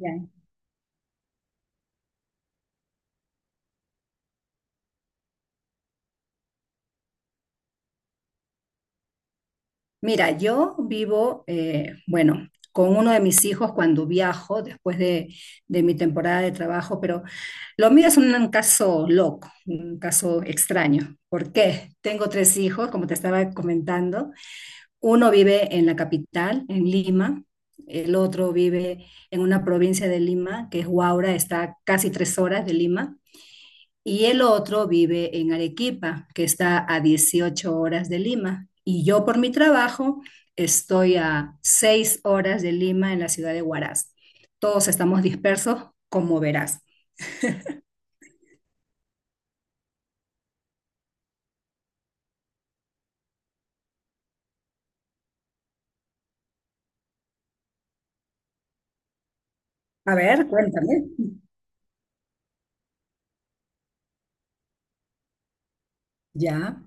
Ya. Mira, yo vivo, bueno, con uno de mis hijos cuando viajo, después de mi temporada de trabajo, pero lo mío es un caso loco, un caso extraño. ¿Por qué? Tengo tres hijos, como te estaba comentando. Uno vive en la capital, en Lima. El otro vive en una provincia de Lima, que es Huaura, está a casi 3 horas de Lima. Y el otro vive en Arequipa, que está a 18 horas de Lima. Y yo por mi trabajo estoy a 6 horas de Lima en la ciudad de Huaraz. Todos estamos dispersos, como verás. A ver, cuéntame. Ya,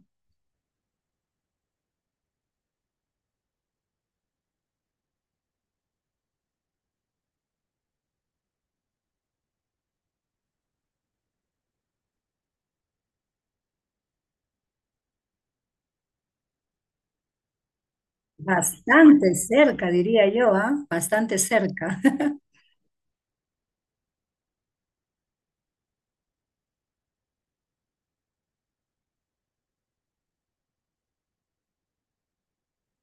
bastante cerca, diría yo, ¿ah? Bastante cerca.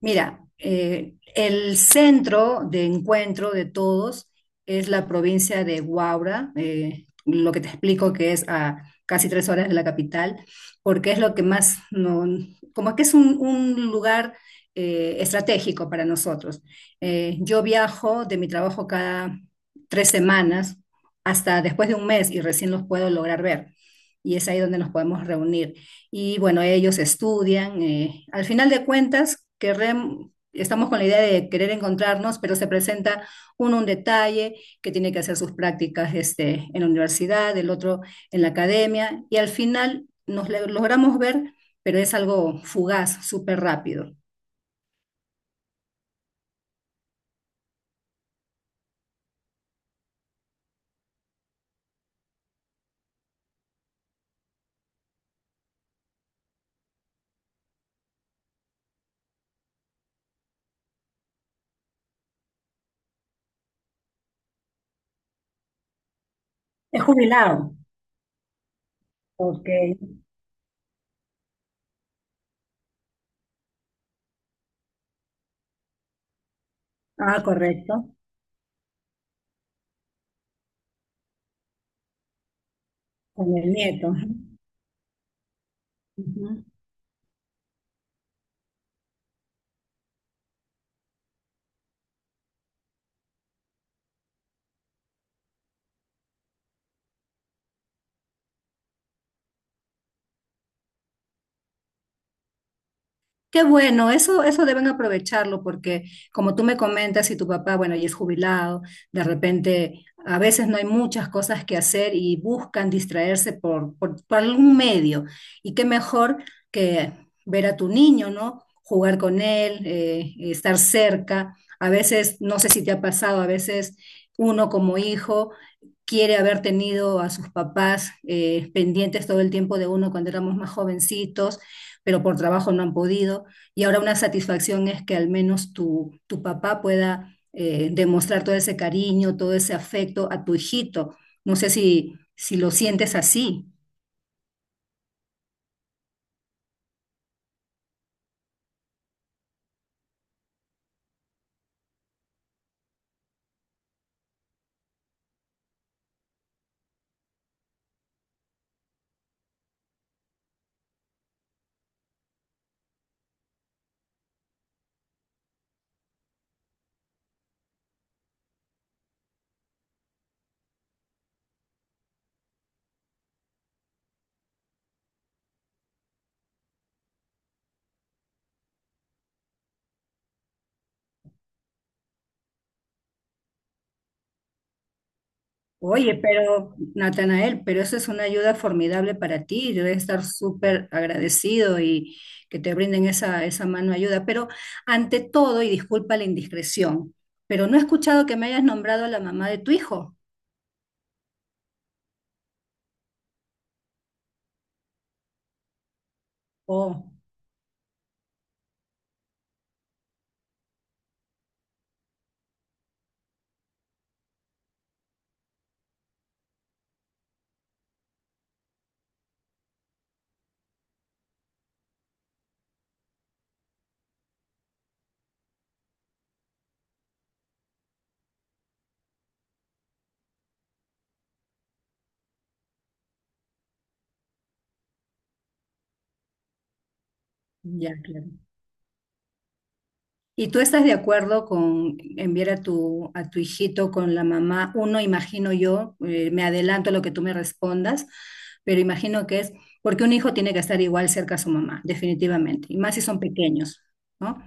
Mira, el centro de encuentro de todos es la provincia de Huaura, lo que te explico que es a casi 3 horas de la capital, porque es lo que más, como que es un lugar estratégico para nosotros. Yo viajo de mi trabajo cada 3 semanas hasta después de un mes y recién los puedo lograr ver. Y es ahí donde nos podemos reunir y bueno, ellos estudian. Eh, al final de cuentas, estamos con la idea de querer encontrarnos, pero se presenta uno un detalle que tiene que hacer sus prácticas este, en la universidad, el otro en la academia, y al final logramos ver, pero es algo fugaz, súper rápido. Es jubilado. Ok. Ah, correcto. Con el nieto. Ujú. Qué bueno, eso deben aprovecharlo porque como tú me comentas, si tu papá, bueno, ya es jubilado, de repente a veces no hay muchas cosas que hacer y buscan distraerse por algún medio. Y qué mejor que ver a tu niño, ¿no? Jugar con él, estar cerca. A veces, no sé si te ha pasado, a veces uno como hijo quiere haber tenido a sus papás pendientes todo el tiempo de uno cuando éramos más jovencitos, pero por trabajo no han podido. Y ahora una satisfacción es que al menos tu papá pueda demostrar todo ese cariño, todo ese afecto a tu hijito. No sé si lo sientes así. Oye, pero Natanael, pero eso es una ayuda formidable para ti. Debes estar súper agradecido y que te brinden esa mano de ayuda. Pero ante todo, y disculpa la indiscreción, pero no he escuchado que me hayas nombrado a la mamá de tu hijo. Oh, ya, claro. ¿Y tú estás de acuerdo con enviar a tu hijito con la mamá? Uno, imagino yo, me adelanto a lo que tú me respondas, pero imagino que es porque un hijo tiene que estar igual cerca a su mamá, definitivamente, y más si son pequeños, ¿no?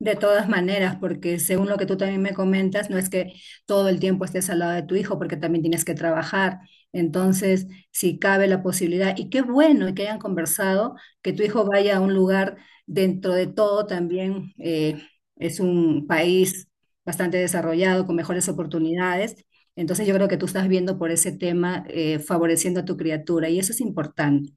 De todas maneras, porque según lo que tú también me comentas, no es que todo el tiempo estés al lado de tu hijo, porque también tienes que trabajar. Entonces, si cabe la posibilidad, y qué bueno que hayan conversado, que tu hijo vaya a un lugar dentro de todo también, es un país bastante desarrollado, con mejores oportunidades. Entonces, yo creo que tú estás viendo por ese tema, favoreciendo a tu criatura, y eso es importante.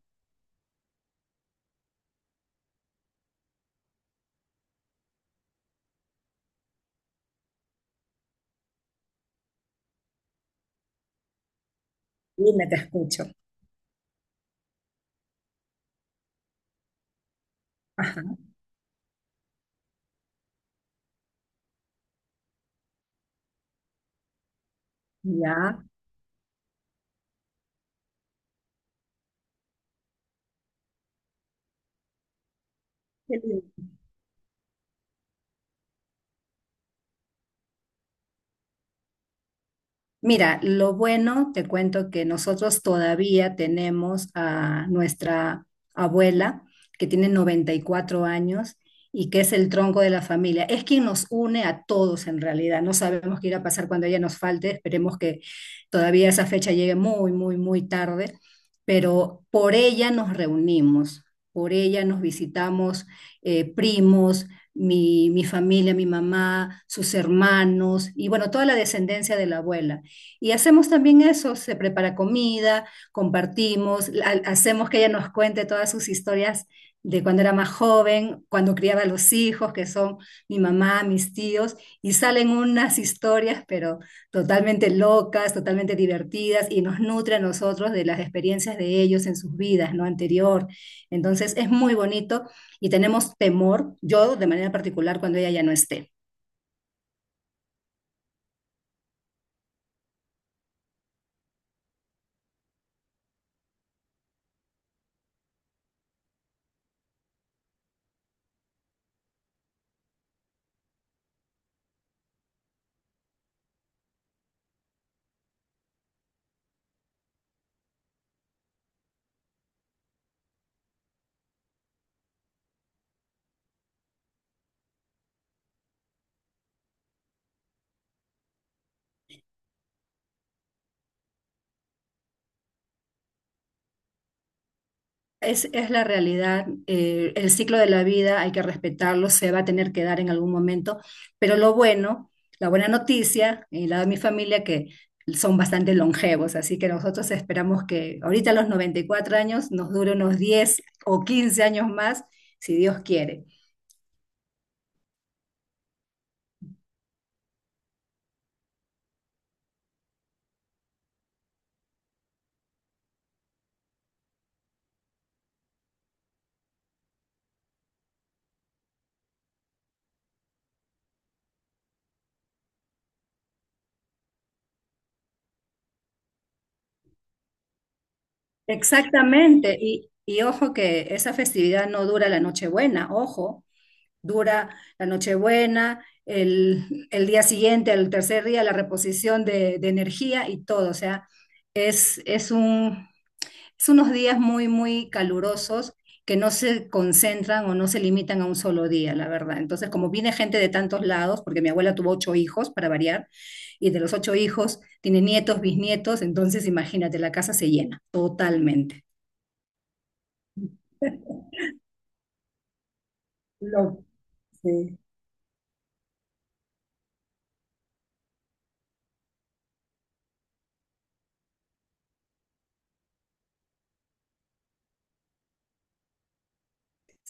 Dime, te escucho. Ajá. Ya. Mira, lo bueno, te cuento que nosotros todavía tenemos a nuestra abuela, que tiene 94 años y que es el tronco de la familia. Es quien nos une a todos en realidad. No sabemos qué irá a pasar cuando ella nos falte. Esperemos que todavía esa fecha llegue muy, muy, muy tarde. Pero por ella nos reunimos, por ella nos visitamos, primos, mi familia, mi mamá, sus hermanos y bueno, toda la descendencia de la abuela. Y hacemos también eso, se prepara comida, compartimos, hacemos que ella nos cuente todas sus historias de cuando era más joven, cuando criaba a los hijos, que son mi mamá, mis tíos, y salen unas historias, pero totalmente locas, totalmente divertidas, y nos nutre a nosotros de las experiencias de ellos en sus vidas, ¿no? Anterior. Entonces es muy bonito y tenemos temor, yo de manera particular, cuando ella ya no esté. Es la realidad, el ciclo de la vida hay que respetarlo, se va a tener que dar en algún momento, pero lo bueno, la buena noticia, y la de mi familia, que son bastante longevos, así que nosotros esperamos que ahorita a los 94 años nos dure unos 10 o 15 años más, si Dios quiere. Exactamente, y ojo que esa festividad no dura la Nochebuena, ojo, dura la Nochebuena, el día siguiente, el tercer día, la reposición de energía y todo. O sea, es, es un, es unos días muy, muy calurosos que no se concentran o no se limitan a un solo día, la verdad. Entonces, como viene gente de tantos lados, porque mi abuela tuvo 8 hijos, para variar, y de los 8 hijos tiene nietos, bisnietos, entonces imagínate, la casa se llena totalmente. Lo, sí.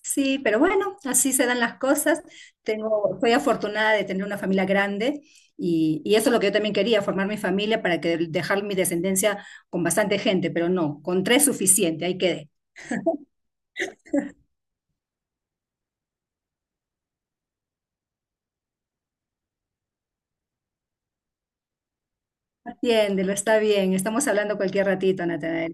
Sí, pero bueno, así se dan las cosas. Tengo, soy afortunada de tener una familia grande y eso es lo que yo también quería, formar mi familia para que dejar mi descendencia con bastante gente, pero no, con tres suficiente, ahí quedé. Atiéndelo, está bien, estamos hablando cualquier ratito, Natanael.